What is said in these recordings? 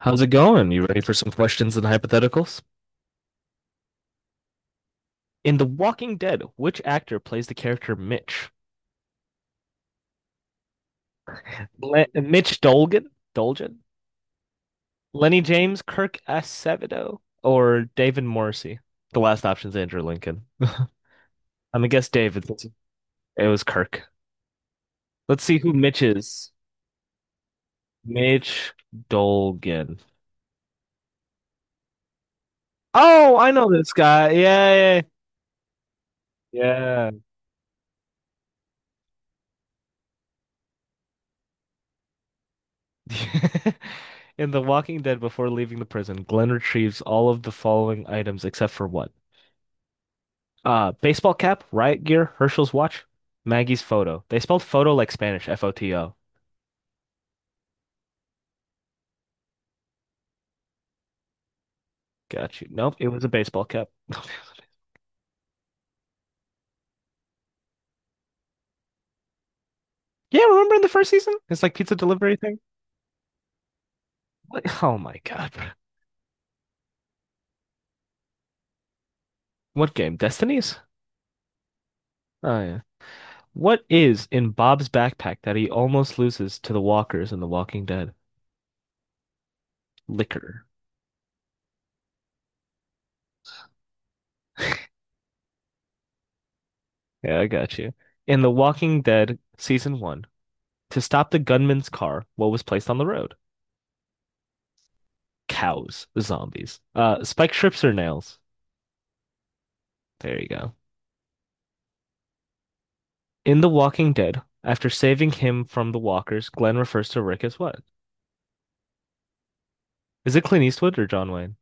How's it going? You ready for some questions and hypotheticals? In The Walking Dead, which actor plays the character Mitch? Mitch Dolgan? Dolgan? Lenny James, Kirk Acevedo, or David Morrissey? The last option's Andrew Lincoln. I'm gonna guess David. It was Kirk. Let's see who Mitch is. Mitch Dolgan. Oh, I know this guy. Yeah, yeah, yeah. In The Walking Dead, before leaving the prison, Glenn retrieves all of the following items except for what? Baseball cap, riot gear, Herschel's watch, Maggie's photo. They spelled photo like Spanish, foto. Got you. Nope, it was a baseball cap. Yeah, remember in the first season? It's like pizza delivery thing. What? Oh my God. What game? Destinies? Oh yeah. What is in Bob's backpack that he almost loses to the walkers in The Walking Dead? Liquor. Yeah, I got you. In The Walking Dead season one, to stop the gunman's car, what was placed on the road? Cows, zombies. Spiked strips or nails? There you go. In The Walking Dead, after saving him from the walkers, Glenn refers to Rick as what? Is it Clint Eastwood or John Wayne?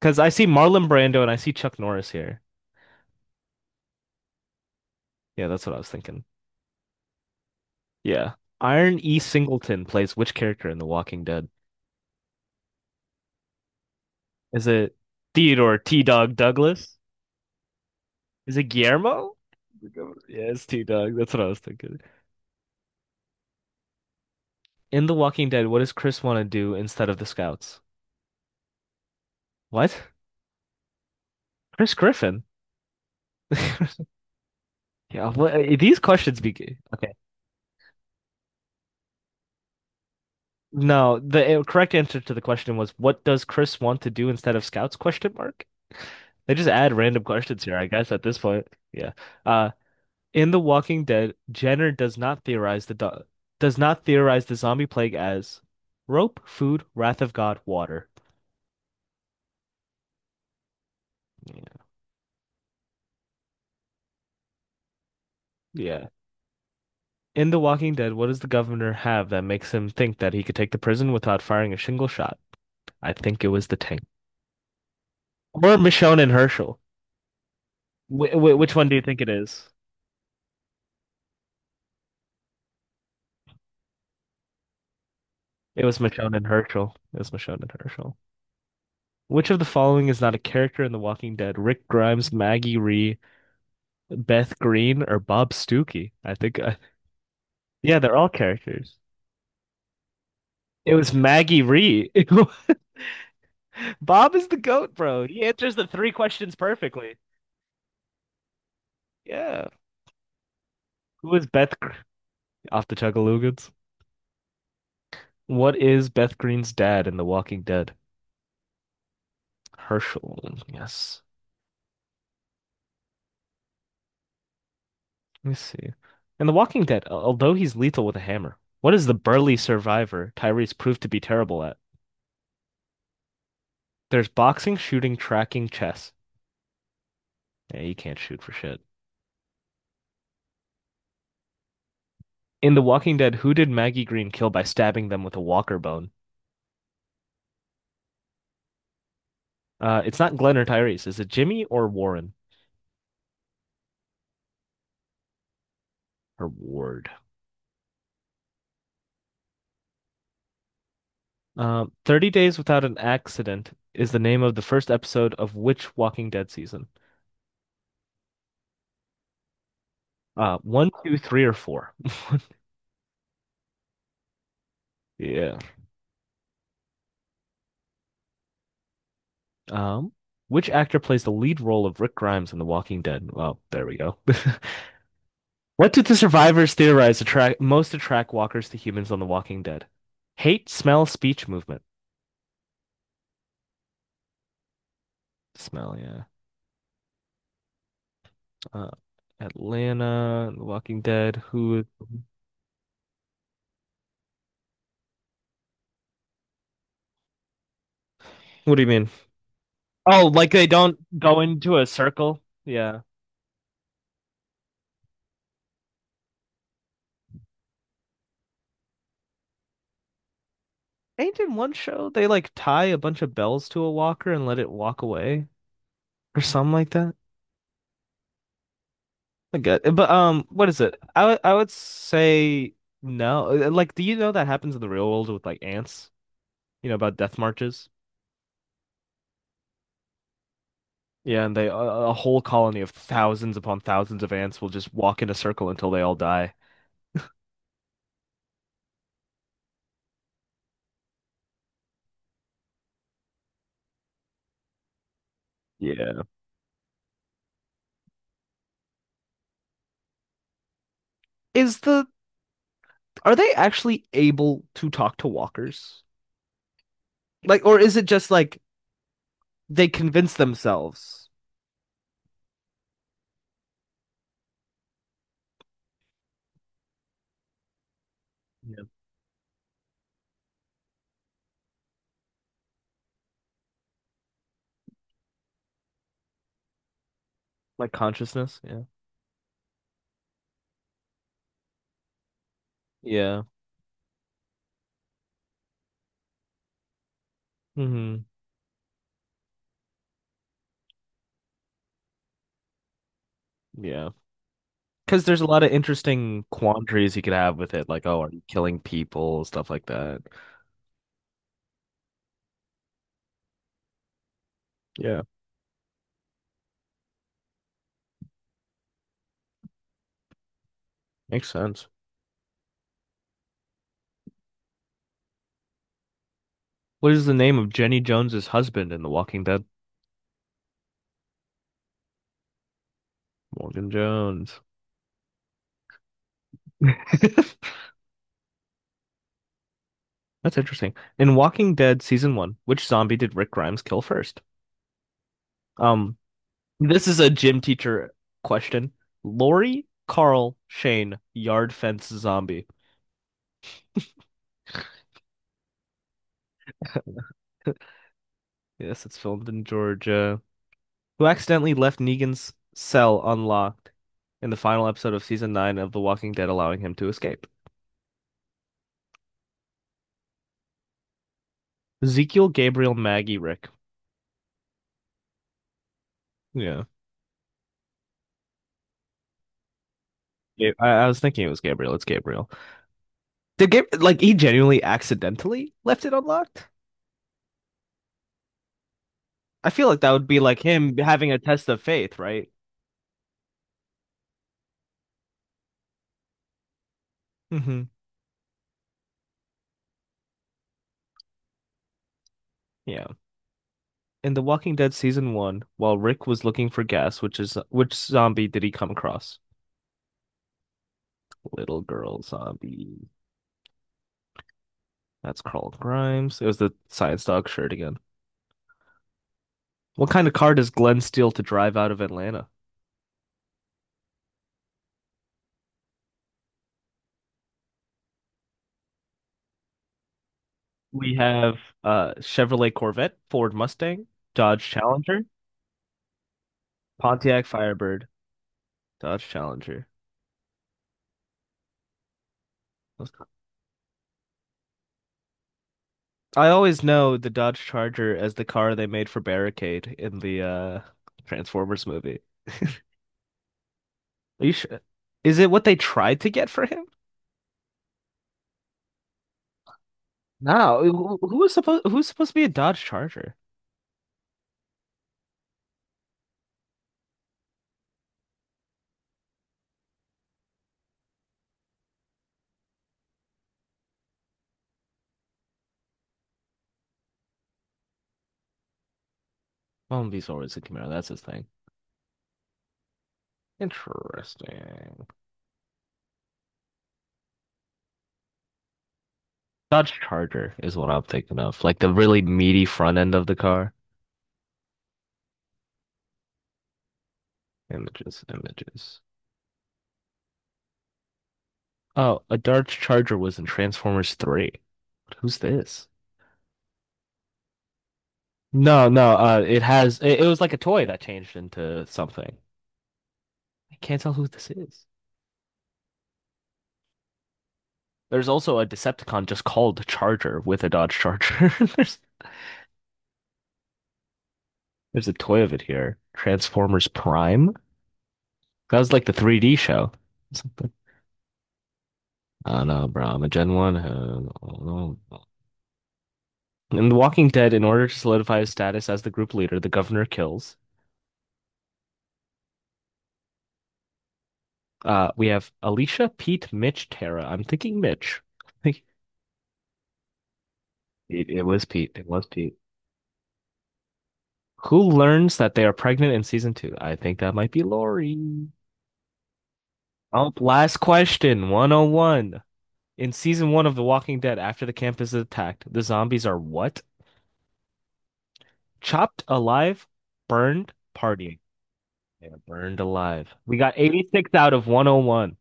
Because I see Marlon Brando and I see Chuck Norris here. Yeah, that's what I was thinking. Yeah. Iron E. Singleton plays which character in The Walking Dead? Is it Theodore T. Dog Douglas? Is it Guillermo? Yeah, it's T. Dog. That's what I was thinking. In The Walking Dead, what does Chris want to do instead of the scouts? What? Chris Griffin. Yeah, well, these questions be. Okay. No, the correct answer to the question was, what does Chris want to do instead of scouts? Question mark. They just add random questions here, I guess, at this point. Yeah. Uh, in The Walking Dead, Jenner does not theorize the do does not theorize the zombie plague as rope, food, wrath of God, water. Yeah. Yeah. In The Walking Dead, what does the governor have that makes him think that he could take the prison without firing a single shot? I think it was the tank. Or Michonne and Herschel. Wh wh which one do you think it is? It was Michonne and Herschel. It was Michonne and Herschel. Which of the following is not a character in The Walking Dead? Rick Grimes, Maggie Ree, Beth Green, or Bob Stuckey? I think, yeah, they're all characters. It was Maggie Ree. Bob is the goat, bro. He answers the three questions perfectly. Yeah. Who is off the Chugalugans? What is Beth Green's dad in The Walking Dead? Herschel. Yes. Let me see. In The Walking Dead, although he's lethal with a hammer, what is the burly survivor Tyrese proved to be terrible at? There's boxing, shooting, tracking, chess. Yeah, he can't shoot for shit. In The Walking Dead, who did Maggie Green kill by stabbing them with a walker bone? It's not Glenn or Tyrese. Is it Jimmy or Warren? Or Ward. 30 Days Without an Accident is the name of the first episode of which Walking Dead season? One, two, three, or four? Yeah. Um, which actor plays the lead role of Rick Grimes in The Walking Dead? Well, there we go. What did the survivors theorize attract most attract walkers to humans on The Walking Dead? Hate, smell, speech, movement. Smell, yeah. Uh, Atlanta, The Walking Dead. Who? What do you mean? Oh, like they don't go into a circle? Yeah. Ain't in one show they like tie a bunch of bells to a walker and let it walk away or something like that? I get it. But what is it? I would say no. Like, do you know that happens in the real world with like ants? You know about death marches? Yeah, and a whole colony of thousands upon thousands of ants will just walk in a circle until they all die. Yeah. Is the are they actually able to talk to walkers? Like, or is it just like they convince themselves? Yeah. Like consciousness? Yeah. Yeah. Hmm. Yeah. Because there's a lot of interesting quandaries you could have with it, like, oh, are you killing people, stuff like that. Yeah, makes sense. What is the name of Jenny Jones's husband in The Walking Dead? Morgan Jones. That's interesting. In Walking Dead season one, which zombie did Rick Grimes kill first? Um, this is a gym teacher question. Lori, Carl, Shane, yard fence zombie. Yes, it's filmed in Georgia. Who accidentally left Negan's cell unlocked in the final episode of season nine of The Walking Dead, allowing him to escape? Ezekiel, Gabriel, Maggie, Rick. Yeah. Yeah, I was thinking it was Gabriel. It's Gabriel. Like he genuinely accidentally left it unlocked? I feel like that would be like him having a test of faith, right? Mm-hmm. Yeah. In The Walking Dead season one, while Rick was looking for gas, which zombie did he come across? Little girl zombie. That's Carl Grimes. It was the science dog shirt again. What kind of car does Glenn steal to drive out of Atlanta? We have Chevrolet Corvette, Ford Mustang, Dodge Challenger, Pontiac Firebird, Dodge Challenger. Those car- I always know the Dodge Charger as the car they made for Barricade in the Transformers movie. Are you sure? Is it what they tried to get for him? No, who's supposed to be a Dodge Charger? Well, he's always a Camaro, that's his thing. Interesting. Dodge Charger is what I'm thinking of. Like the really meaty front end of the car. Images, images. Oh, a Dodge Charger was in Transformers 3. Who's this? No, no, it was like a toy that changed into something. I can't tell who this is. There's also a Decepticon just called Charger with a Dodge Charger. There's a toy of it here. Transformers Prime. That was like the 3D show. Something. I don't know, bro. I'm a Gen 1. I don't know. In The Walking Dead, in order to solidify his status as the group leader, the governor kills. We have Alicia, Pete, Mitch, Tara. I'm thinking Mitch. It was Pete. It was Pete. Who learns that they are pregnant in season two? I think that might be Lori. Oh, last question, 101. In season one of The Walking Dead, after the campus is attacked, the zombies are what? Chopped alive, burned, partying. Yeah, burned alive. We got 86 out of 101.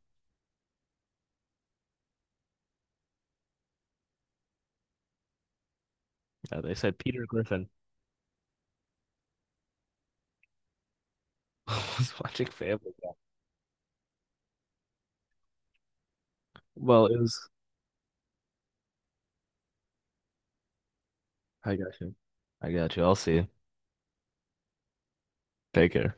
They said Peter Griffin. I was watching Family Guy. Well, it was. I got you. I got you. I'll see you. Take care.